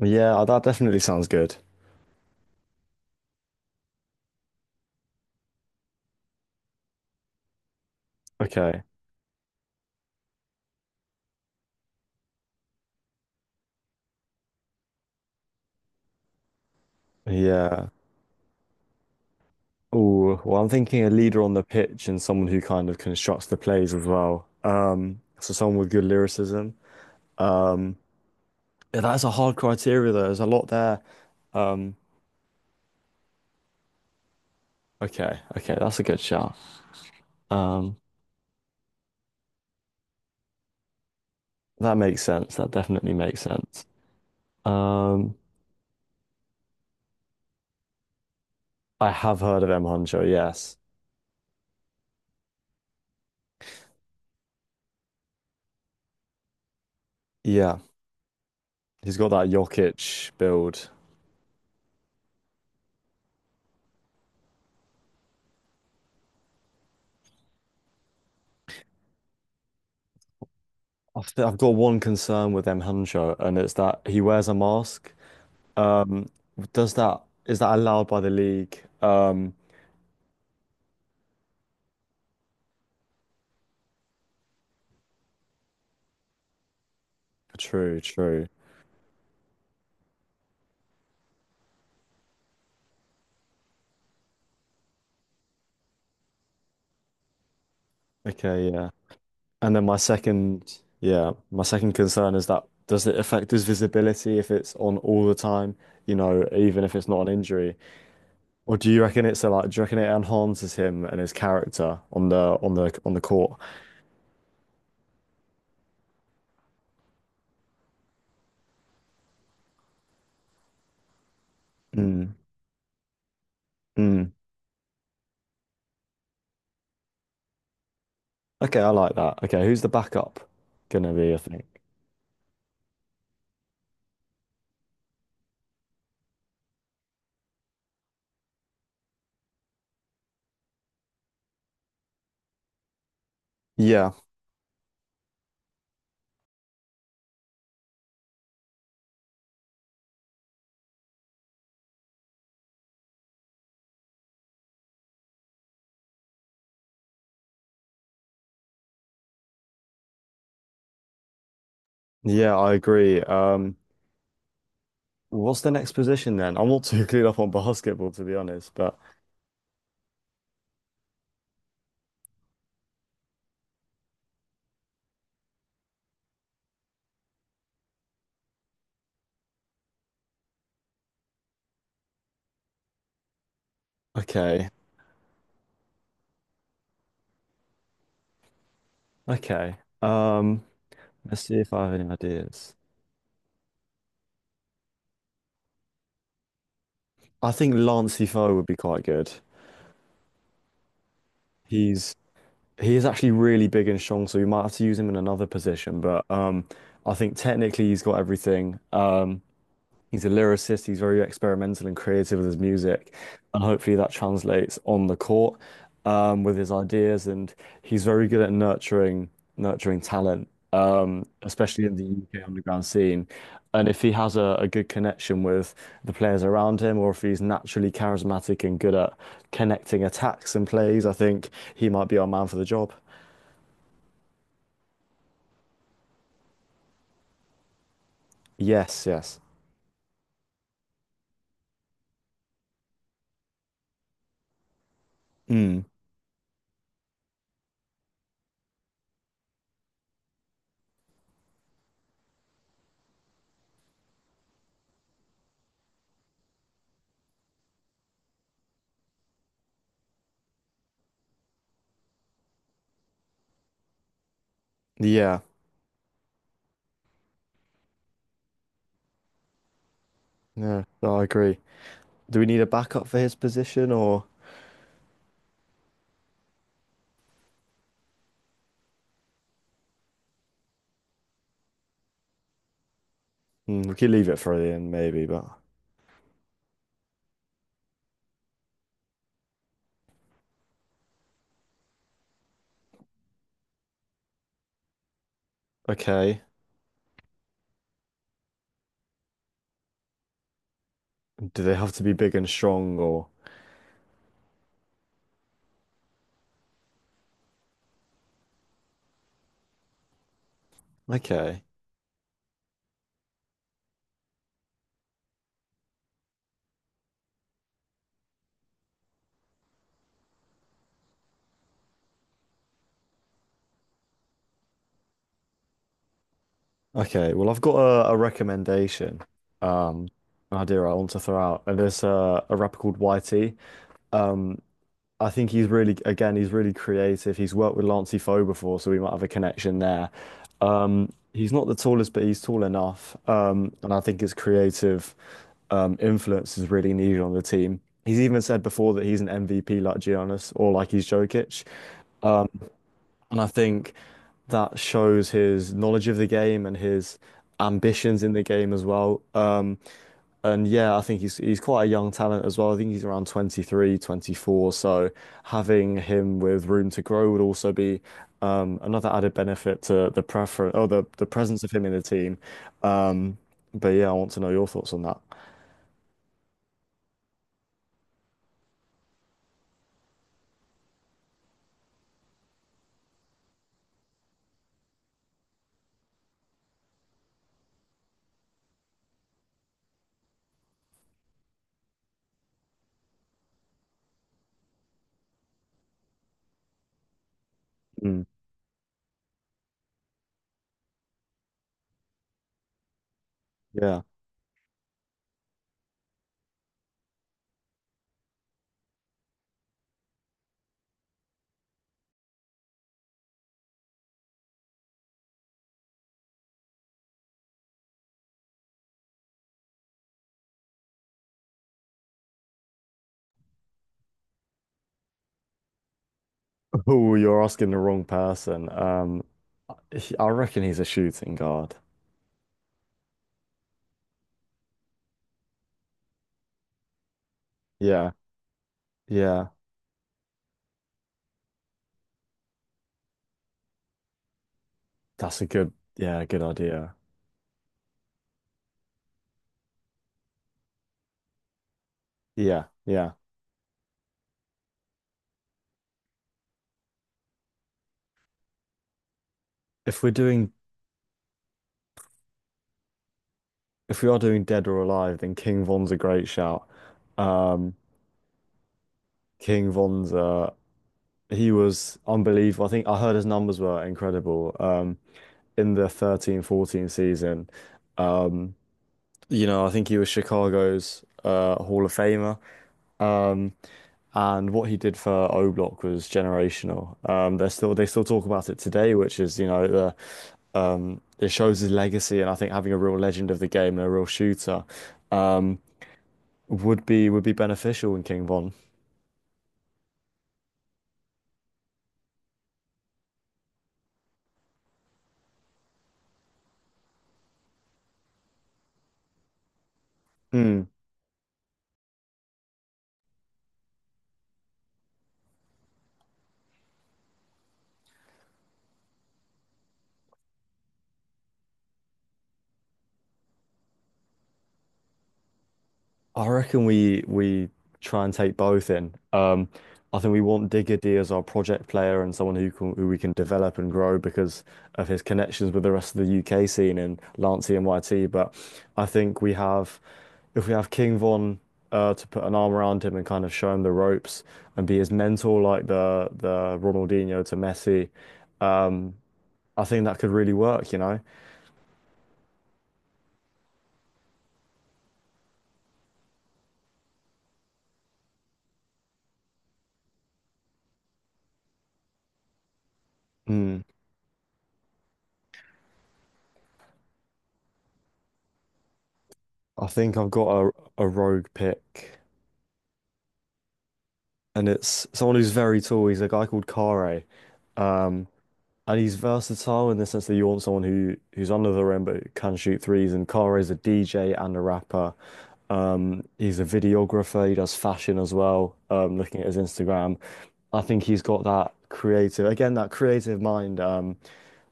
Yeah, that definitely sounds good. Okay. Yeah. Oh, well, I'm thinking a leader on the pitch and someone who kind of constructs the plays as well. So someone with good lyricism. Um, yeah, that's a hard criteria though. There's a lot there. Um, okay, okay, that's a good shout. Um, that makes sense. That definitely makes sense. Um, I have heard of M. Huncho, yes. Yeah, he's got that Jokic build. I've got one concern with M. Huncho, and it's that he wears a mask. Um, does that is that allowed by the league? True, true. Okay, yeah. And then my second concern is that does it affect his visibility if it's on all the time? You know, even if it's not an injury, or do you reckon do you reckon it enhances him and his character on the court? Mm, mm. Okay, I like that. Okay, who's the backup gonna be, I think? Yeah, yeah, I agree. What's the next position then? I'm not too clued up on basketball, to be honest, but okay. Okay. Um, let's see if I have any ideas. I think Lancey Foe would be quite good. He's he is actually really big and strong, so you might have to use him in another position, but I think technically he's got everything. He's a lyricist. He's very experimental and creative with his music, and hopefully that translates on the court with his ideas. And he's very good at nurturing talent, especially in the UK underground scene. And if he has a good connection with the players around him, or if he's naturally charismatic and good at connecting attacks and plays, I think he might be our man for the job. Yes, yes. Mm. Yeah, yeah, no, I agree. Do we need a backup for his position or? Mm, we could leave it for Ian, maybe, but okay. Do they have to be big and strong or okay. Okay. Well, I've got a recommendation. Um, an idea I want to throw out. And there's a rapper called YT. Um, I think he's really, again, he's really creative. He's worked with Lancey Foe before, so we might have a connection there. He's not the tallest, but he's tall enough. And I think his creative influence is really needed on the team. He's even said before that he's an MVP like Giannis or like he's Jokic. And I think that shows his knowledge of the game and his ambitions in the game as well. And yeah, I think he's quite a young talent as well. I think he's around 23, 24. So having him with room to grow would also be another added benefit to the preference or the presence of him in the team. Um, but yeah, I want to know your thoughts on that. Mm, yeah. Oh, you're asking the wrong person. I reckon he's a shooting guard. Yeah, yeah. That's a good idea. Yeah, yeah. If we're doing if we are doing Dead or Alive, then King Von's a great shout. Um, King Von's He was unbelievable. I think I heard his numbers were incredible. In the 13-14 season, um, you know, I think he was Chicago's Hall of Famer. Um, and what he did for O Block was generational. They still talk about it today, which is the, it shows his legacy, and I think having a real legend of the game and a real shooter. Um, would be beneficial in King Von. Hmm. I reckon we try and take both in. I think we want Diggity as our project player and someone who we can develop and grow because of his connections with the rest of the UK scene and Lance NYT. But I think we have if we have King Von to put an arm around him and kind of show him the ropes and be his mentor like the Ronaldinho to Messi. Um, I think that could really work. I think I've got a rogue pick, and it's someone who's very tall. He's a guy called Kare, um, and he's versatile in the sense that you want someone who's under the rim but who can shoot threes. And Kare's a DJ and a rapper. He's a videographer. He does fashion as well. Looking at his Instagram, I think he's got that creative, again, that creative mind,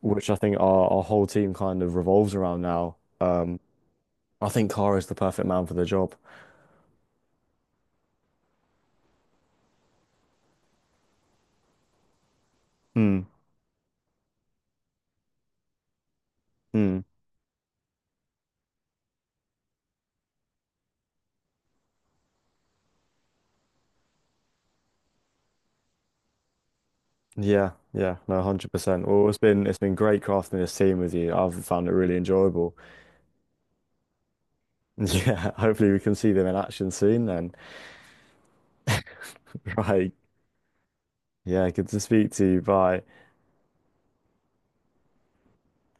which I think our whole team kind of revolves around now. Um, I think Kare is the perfect man for the job. Hmm. Hmm. Yeah, yeah, no, 100%. Well, it's been great crafting this team with you. I've found it really enjoyable. Yeah, hopefully we can see them in action soon then. Right. Yeah, good to speak to you. Bye.